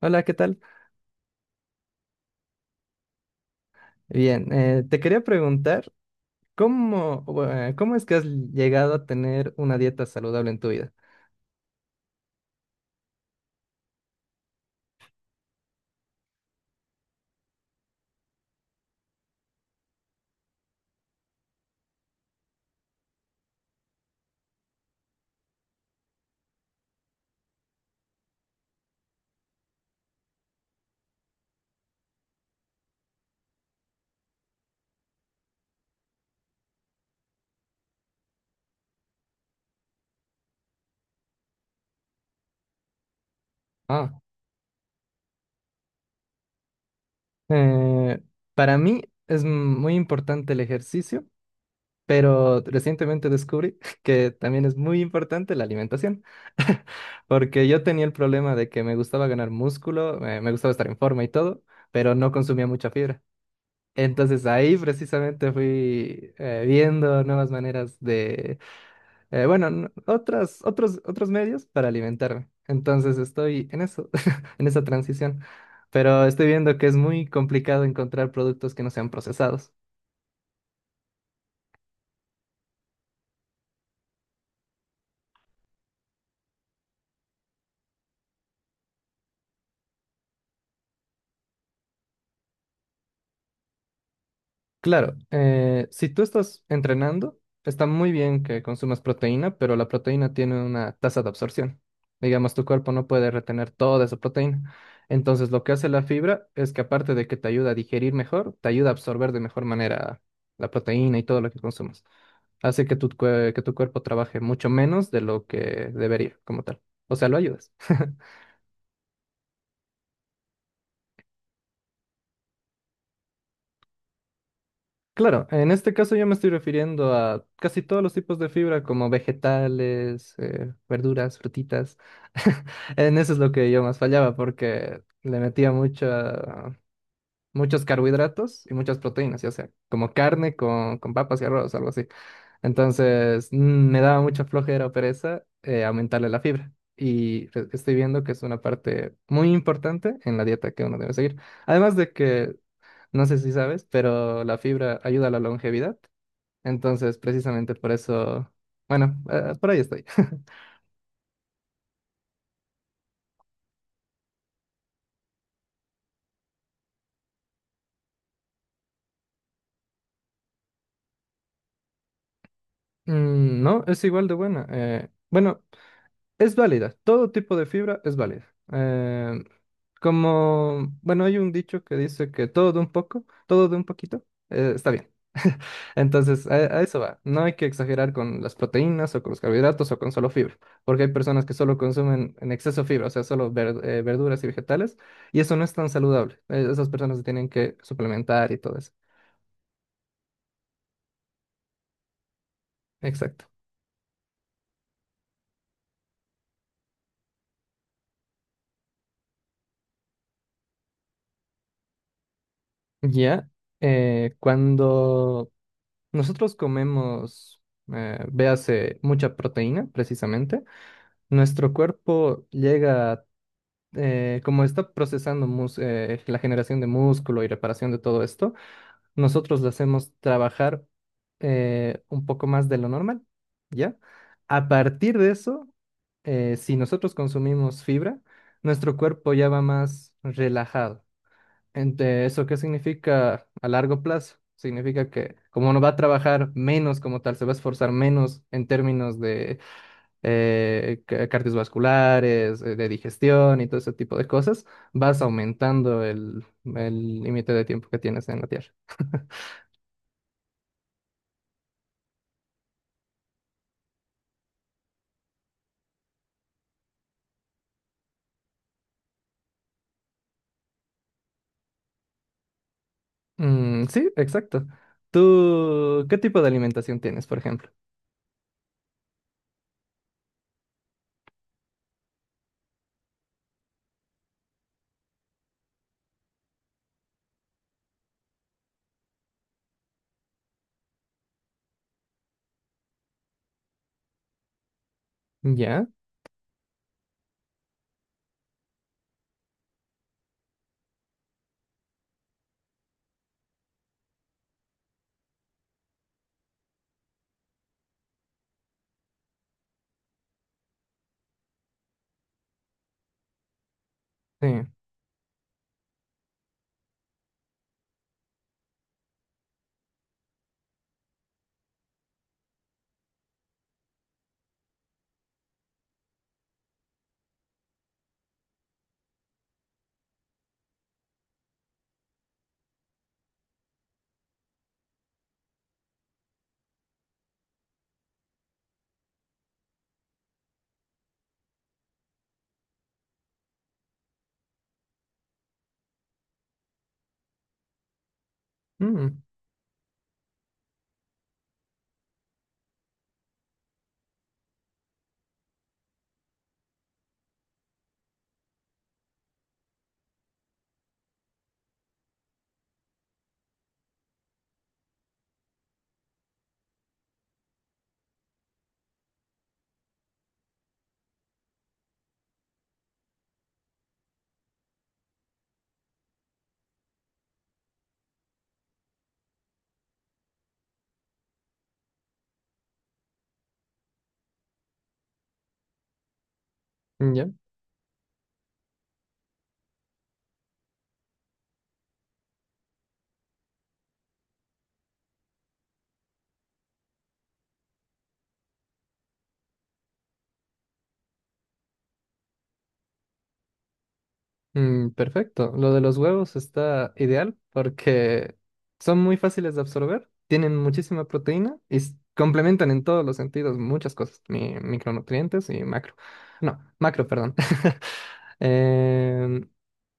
Hola, ¿qué tal? Bien, te quería preguntar, ¿cómo, cómo es que has llegado a tener una dieta saludable en tu vida? Ah, eh, para mí es muy importante el ejercicio, pero recientemente descubrí que también es muy importante la alimentación, porque yo tenía el problema de que me gustaba ganar músculo, me gustaba estar en forma y todo, pero no consumía mucha fibra. Entonces ahí precisamente fui viendo nuevas maneras otros medios para alimentarme. Entonces estoy en eso, en esa transición. Pero estoy viendo que es muy complicado encontrar productos que no sean procesados. Claro, si tú estás entrenando, está muy bien que consumas proteína, pero la proteína tiene una tasa de absorción. Digamos, tu cuerpo no puede retener toda esa proteína. Entonces, lo que hace la fibra es que aparte de que te ayuda a digerir mejor, te ayuda a absorber de mejor manera la proteína y todo lo que consumas. Hace que tu cuerpo trabaje mucho menos de lo que debería, como tal. O sea, lo ayudas. Claro, en este caso yo me estoy refiriendo a casi todos los tipos de fibra, como vegetales, verduras, frutitas. En eso es lo que yo más fallaba, porque le metía muchos carbohidratos y muchas proteínas, ya sea como carne con papas y arroz, algo así. Entonces, me daba mucha flojera o pereza aumentarle la fibra. Estoy viendo que es una parte muy importante en la dieta que uno debe seguir. Además de que no sé si sabes, pero la fibra ayuda a la longevidad. Entonces, precisamente por eso, bueno, por ahí estoy. Mm, no, es igual de buena. Bueno, es válida. Todo tipo de fibra es válida. Eh, Como, bueno, hay un dicho que dice que todo de un poco, todo de un poquito, está bien. Entonces, a eso va. No hay que exagerar con las proteínas o con los carbohidratos o con solo fibra, porque hay personas que solo consumen en exceso fibra, o sea, solo verduras y vegetales, y eso no es tan saludable. Esas personas se tienen que suplementar y todo eso. Exacto. Ya, cuando nosotros comemos, véase, mucha proteína, precisamente, nuestro cuerpo llega, como está procesando la generación de músculo y reparación de todo esto, nosotros lo hacemos trabajar un poco más de lo normal, ¿ya? A partir de eso, si nosotros consumimos fibra, nuestro cuerpo ya va más relajado. ¿Eso qué significa a largo plazo? Significa que como no va a trabajar menos como tal, se va a esforzar menos en términos de cardiovasculares, de digestión y todo ese tipo de cosas, vas aumentando el límite de tiempo que tienes en la Tierra. Mm, sí, exacto. ¿Tú qué tipo de alimentación tienes, por ejemplo? Ya, sí. Mm, ya. Mm, perfecto. Lo de los huevos está ideal porque son muy fáciles de absorber, tienen muchísima proteína y complementan en todos los sentidos muchas cosas, micronutrientes y macro. No, macro, perdón. Em,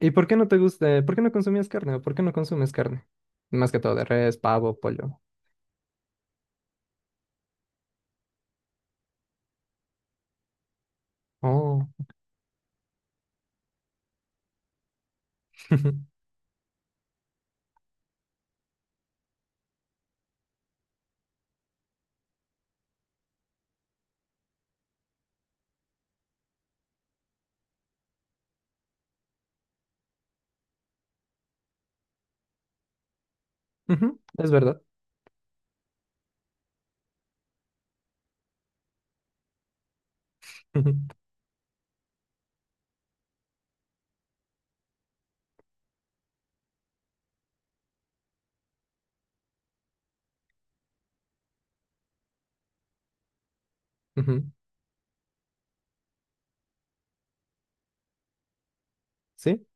¿Y por qué no te gusta, por qué no consumías carne o por qué no consumes carne? Más que todo de res, pavo, pollo. Oh. Ujú, es verdad. Ujú, ujú, ¿sí?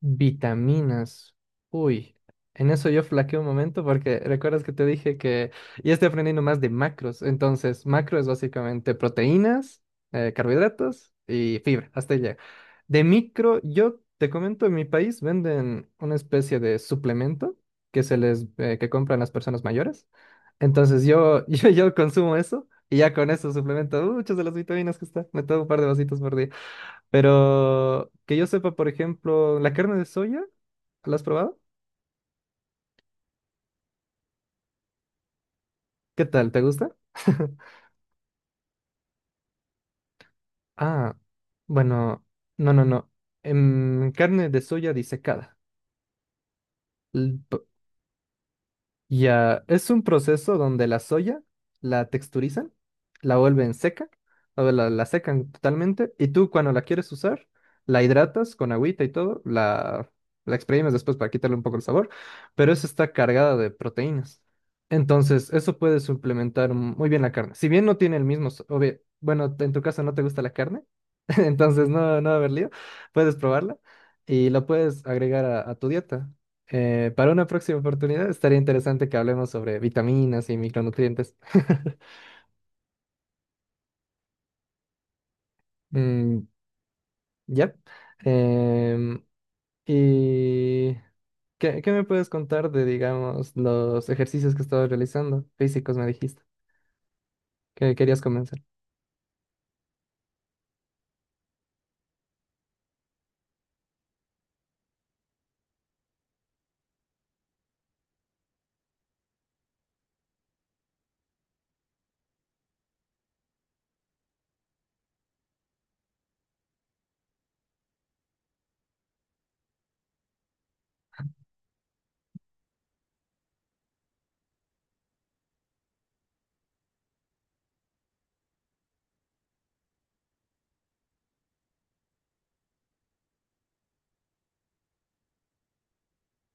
Vitaminas. Uy, en eso yo flaqueé un momento porque recuerdas que te dije que ya estoy aprendiendo más de macros. Entonces, macro es básicamente proteínas, carbohidratos y fibra. Hasta ahí llega. De micro, yo te comento, en mi país venden una especie de suplemento que se les que compran las personas mayores. Entonces yo, yo consumo eso y ya con eso suplemento muchas de las vitaminas que está. Me tomo un par de vasitos por día. Pero que yo sepa, por ejemplo, la carne de soya, ¿la has probado? ¿Qué tal? ¿Te gusta? Ah, bueno, no. En carne de soya disecada. L- p- Ya, es un proceso donde la soya la texturizan, la vuelven seca, o la secan totalmente, y tú cuando la quieres usar, la hidratas con agüita y todo, la exprimes después para quitarle un poco el sabor, pero eso está cargada de proteínas. Entonces, eso puede suplementar muy bien la carne. Si bien no tiene el mismo, obvio, bueno, en tu caso no te gusta la carne, entonces no va a haber lío, puedes probarla y la puedes agregar a tu dieta. Para una próxima oportunidad estaría interesante que hablemos sobre vitaminas y micronutrientes. Mm, ya. Em, ¿Y qué me puedes contar de, digamos, los ejercicios que estabas realizando? Físicos, me dijiste, que querías comenzar.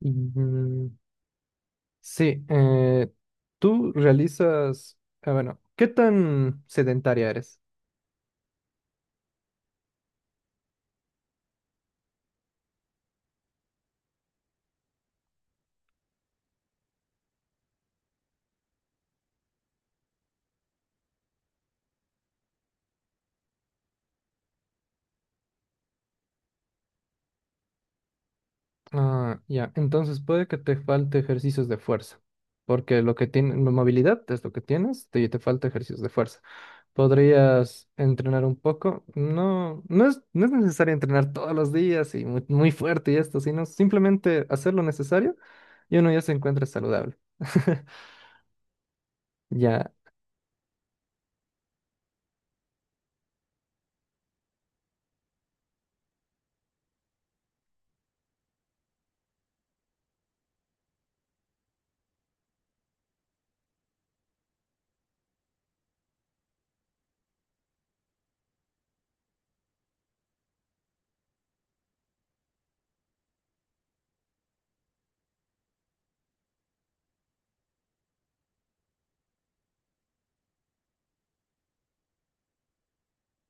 Mm, sí, tú realizas, bueno, ¿qué tan sedentaria eres? Ah, ya. Entonces puede que te falte ejercicios de fuerza, porque lo que tiene movilidad es lo que tienes, te falta ejercicios de fuerza. Podrías entrenar un poco. No, no es necesario entrenar todos los días y muy, muy fuerte y esto, sino simplemente hacer lo necesario y uno ya se encuentra saludable. Ya,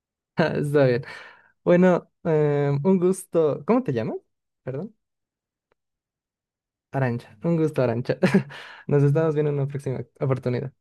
está bien. Bueno, un gusto. ¿Cómo te llamas? Perdón. Arancha. Un gusto, Arancha. Nos estamos viendo en una próxima oportunidad.